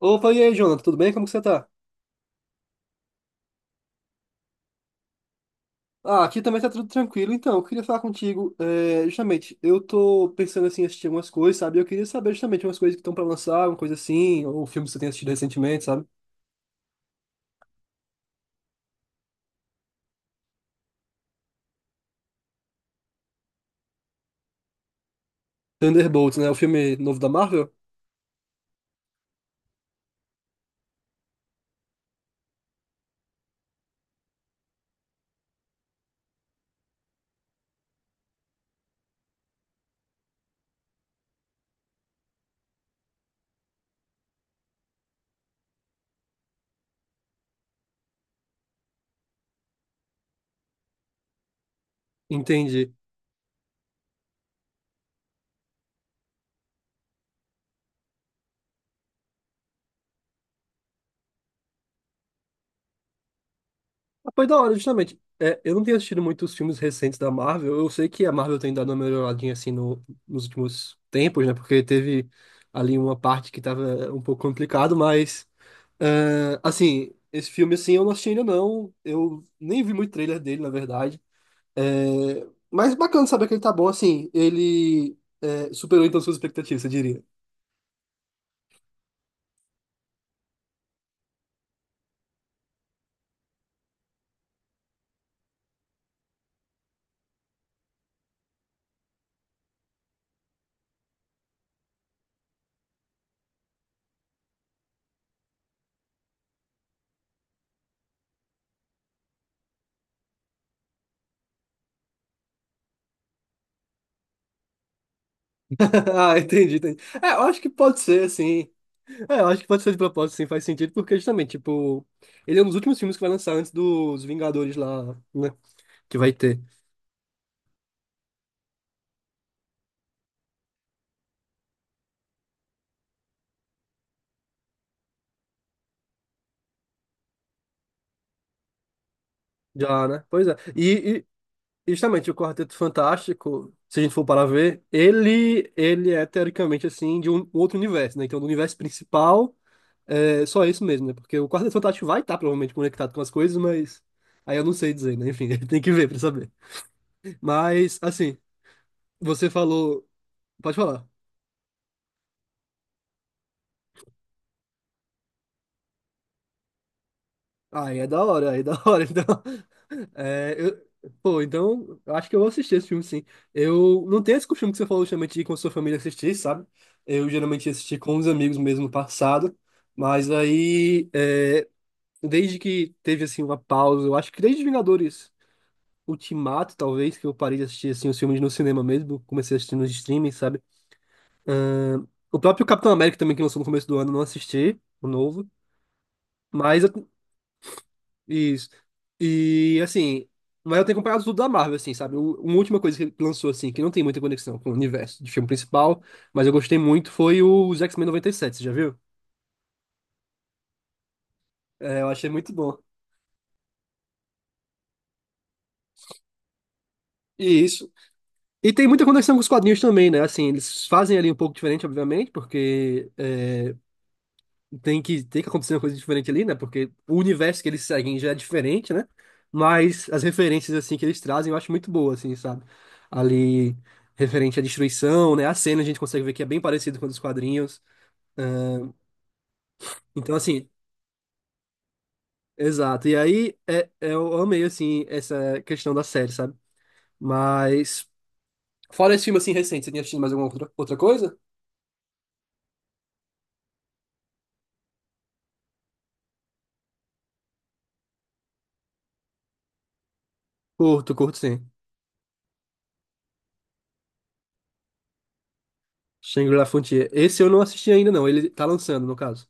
Opa, e aí, Jonathan, tudo bem? Como que você tá? Ah, aqui também tá tudo tranquilo. Então, eu queria falar contigo, justamente, eu tô pensando, assim, em assistir algumas coisas, sabe? Eu queria saber, justamente, umas coisas que estão pra lançar, uma coisa assim, ou filmes que você tem assistido recentemente, sabe? Thunderbolts, né? O filme novo da Marvel? Entendi. Ah, foi da hora, justamente. É, eu não tenho assistido muitos filmes recentes da Marvel. Eu sei que a Marvel tem dado uma melhoradinha, assim, no, nos últimos tempos, né? Porque teve ali uma parte que tava um pouco complicado, mas... É, assim, esse filme assim eu não assisti ainda não. Eu nem vi muito trailer dele, na verdade. É, mas bacana saber que ele tá bom, assim. Ele é, superou então suas expectativas, eu diria. Ah, entendi, entendi. É, eu acho que pode ser, assim. É, eu acho que pode ser de propósito, sim, faz sentido, porque justamente, tipo, ele é um dos últimos filmes que vai lançar antes dos Vingadores lá, né? Que vai ter. Já, né? Pois é. E, justamente, o Quarteto Fantástico, se a gente for para ver, ele é teoricamente assim de um outro universo, né? Então, do universo principal, é só isso mesmo, né? Porque o Quarteto Fantástico vai estar provavelmente conectado com as coisas, mas aí eu não sei dizer, né? Enfim, tem que ver para saber. Mas, assim, você falou. Pode falar. Aí é da hora, aí é da hora. Então, é, eu, pô, então, eu acho que eu vou assistir esse filme, sim. Eu não tenho esse costume que você falou, justamente, de ir com sua família assistir, sabe? Eu geralmente assisti com os amigos mesmo no passado, mas aí, desde que teve, assim, uma pausa, eu acho que desde Vingadores Ultimato, talvez, que eu parei de assistir, assim, os filmes no cinema mesmo, comecei a assistir nos streaming, sabe? O próprio Capitão América também, que lançou no começo do ano, eu não assisti, o novo. Mas eu, Isso. E assim, mas eu tenho comprado tudo da Marvel, assim, sabe? Uma última coisa que lançou, assim, que não tem muita conexão com o universo de filme principal, mas eu gostei muito, foi o os X-Men 97, você já viu? É, eu achei muito bom. E isso. E tem muita conexão com os quadrinhos também, né? Assim, eles fazem ali um pouco diferente, obviamente, porque tem que acontecer uma coisa diferente ali, né? Porque o universo que eles seguem já é diferente, né? Mas as referências, assim, que eles trazem eu acho muito boa, assim, sabe? Ali, referente à destruição, né? A cena a gente consegue ver que é bem parecido com os quadrinhos. Ahn, então, assim, exato. E aí, eu amei, assim, essa questão da série, sabe? Mas, fora esse filme, assim, recente, você tinha assistido mais alguma outra, outra coisa? Curto, curto, sim. Shangri-La Frontier. Esse eu não assisti ainda, não. Ele tá lançando, no caso.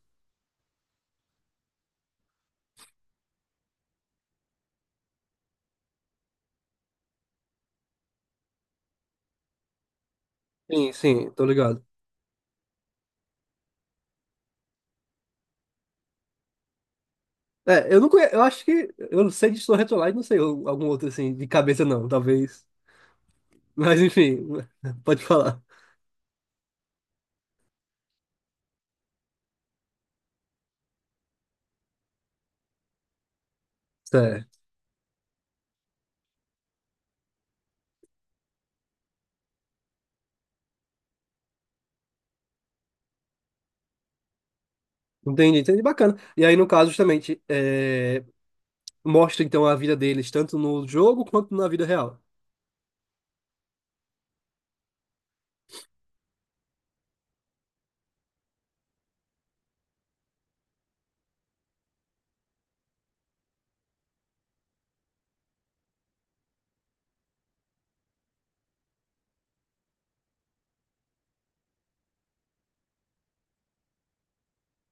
Sim, sim, tô ligado. É, eu não conheço, eu acho que, eu não sei de Soul Retrolight, não sei algum outro assim, de cabeça não, talvez. Mas enfim, pode falar. Certo. Entendi, entendi, bacana. E aí, no caso, justamente, mostra então a vida deles, tanto no jogo quanto na vida real.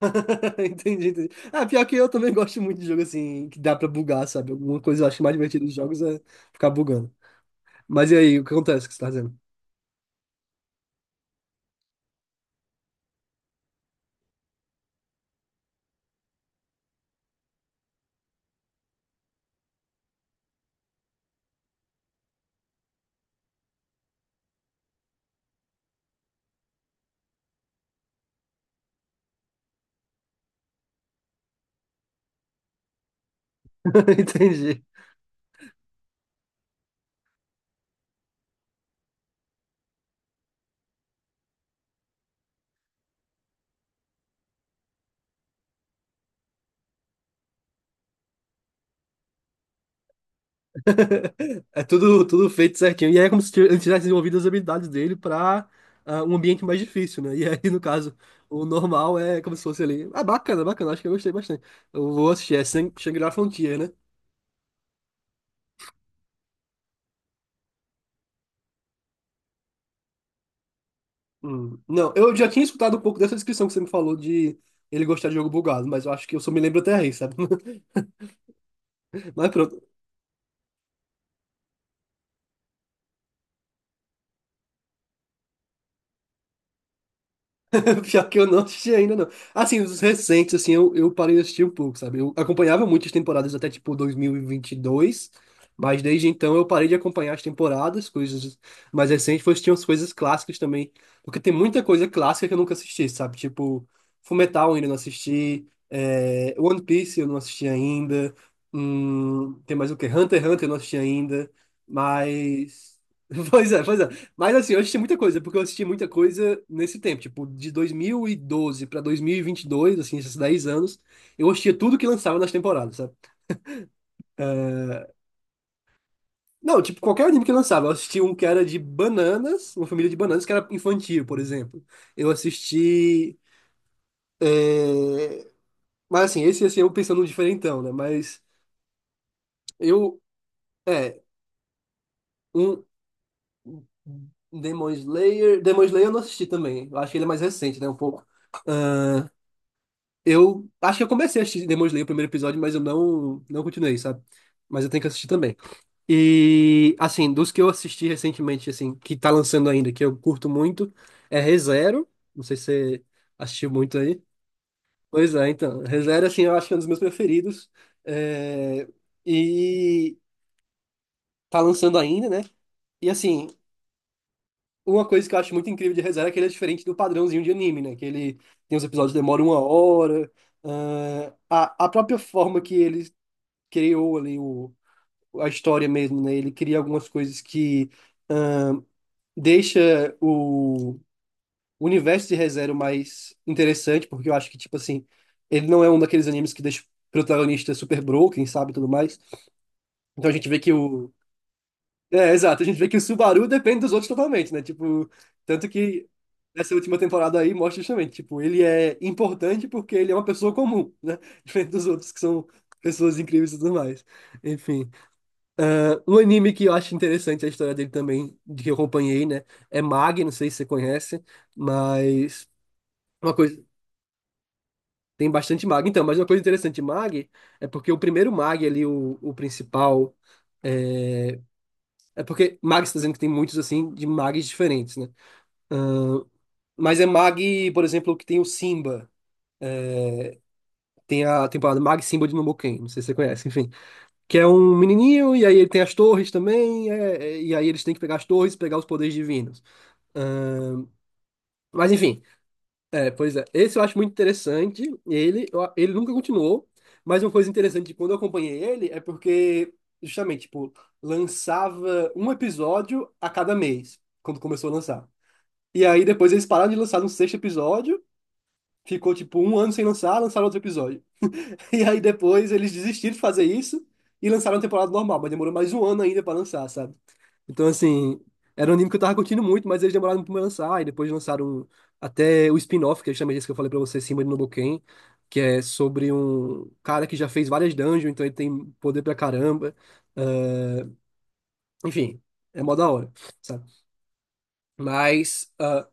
Entendi, entendi. Ah, pior que eu também gosto muito de jogo assim, que dá pra bugar, sabe? Alguma coisa eu acho mais divertida dos jogos é ficar bugando. Mas e aí, o que acontece que você tá dizendo? Entendi. É tudo, tudo feito certinho. E aí é como se ele tivesse desenvolvido as habilidades dele para um ambiente mais difícil, né? E aí, no caso, o normal é como se fosse ali. Ah, bacana, bacana. Acho que eu gostei bastante. Eu vou assistir. É Shangri-La é Frontier, né? Hum. Não, eu já tinha escutado um pouco dessa descrição que você me falou de ele gostar de jogo bugado, mas eu acho que eu só me lembro até aí, sabe? Mas pronto. Pior que eu não assisti ainda, não. Assim, os recentes, assim, eu parei de assistir um pouco, sabe? Eu acompanhava muitas temporadas até, tipo, 2022, mas desde então eu parei de acompanhar as temporadas, coisas mais recentes, foi assistir umas coisas clássicas também, porque tem muita coisa clássica que eu nunca assisti, sabe? Tipo, Fullmetal eu ainda não assisti, One Piece eu não assisti ainda, tem mais o quê? Hunter x Hunter eu não assisti ainda, mas... Pois é, pois é. Mas assim, eu assisti muita coisa, porque eu assisti muita coisa nesse tempo, tipo, de 2012 pra 2022, assim, esses 10 anos, eu assistia tudo que lançava nas temporadas, sabe? Não, tipo, qualquer anime que lançava, eu assisti um que era de bananas, uma família de bananas que era infantil, por exemplo. Eu assisti, é, mas assim, esse assim, eu pensando no diferentão, né? Mas eu, é, um Demon Slayer, Demon Slayer eu não assisti também, eu acho que ele é mais recente, né, um pouco. Eu acho que eu comecei a assistir Demon Slayer, o primeiro episódio, mas eu não continuei, sabe? Mas eu tenho que assistir também. E, assim, dos que eu assisti recentemente, assim, que tá lançando ainda, que eu curto muito, é ReZero. Não sei se você assistiu muito aí. Pois é, então. ReZero, assim, eu acho que é um dos meus preferidos. É, E tá lançando ainda, né? E, assim, uma coisa que eu acho muito incrível de ReZero é que ele é diferente do padrãozinho de anime, né? Que ele tem os episódios que demoram 1 hora. Ah, a própria forma que ele criou ali a história mesmo, né? Ele cria algumas coisas que deixa o universo de ReZero mais interessante, porque eu acho que, tipo assim, ele não é um daqueles animes que deixa o protagonista super broken, sabe, e tudo mais. Então a gente vê que o... É, exato, a gente vê que o Subaru depende dos outros totalmente, né? Tipo, tanto que essa última temporada aí mostra justamente, tipo, ele é importante porque ele é uma pessoa comum, né? Diferente dos outros que são pessoas incríveis e tudo mais. Enfim. Ah, um anime que eu acho interessante é a história dele também, de que eu acompanhei, né? É Mag, não sei se você conhece, mas uma coisa. Tem bastante Mag. Então, mas uma coisa interessante de Mag é porque o primeiro Mag ali, o principal. É, é porque Mag está dizendo que tem muitos, assim, de Mags diferentes, né? Ah, mas é Mag, por exemplo, que tem o Simba. Tem a temporada Mag Simba de Momoken, não sei se você conhece, enfim. Que é um menininho, e aí ele tem as torres também, e aí eles têm que pegar as torres e pegar os poderes divinos. Ah, mas enfim, pois é, esse eu acho muito interessante. Ele, ele nunca continuou, mas uma coisa interessante de quando eu acompanhei ele é porque, justamente, tipo, lançava um episódio a cada mês, quando começou a lançar. E aí depois eles pararam de lançar no sexto episódio, ficou tipo um ano sem lançar, lançaram outro episódio. E aí depois eles desistiram de fazer isso e lançaram a temporada normal, mas demorou mais um ano ainda pra lançar, sabe? Então, assim, era um anime que eu tava curtindo muito, mas eles demoraram muito pra lançar, e depois lançaram até o spin-off, que é justamente esse que eu falei pra você, Shinba no Boken, que é sobre um cara que já fez várias dungeons, então ele tem poder pra caramba. Ah, enfim, é mó da hora, sabe? Mas, ah,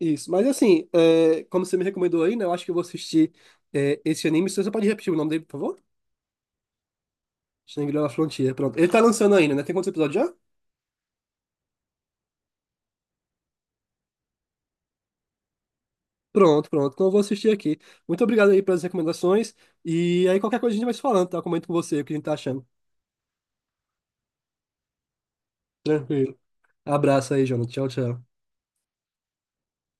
isso. Mas, assim, como você me recomendou aí, né, eu acho que eu vou assistir esse anime. Você só pode repetir o nome dele, por favor? Shingeki no La Frontier, pronto. Ele tá lançando ainda, né? Tem quantos episódios já? Pronto, pronto. Então eu vou assistir aqui. Muito obrigado aí pelas recomendações. E aí qualquer coisa a gente vai se falando, tá? Eu comento com você o que a gente tá achando. Tranquilo. Abraço aí, Jonathan. Tchau, tchau.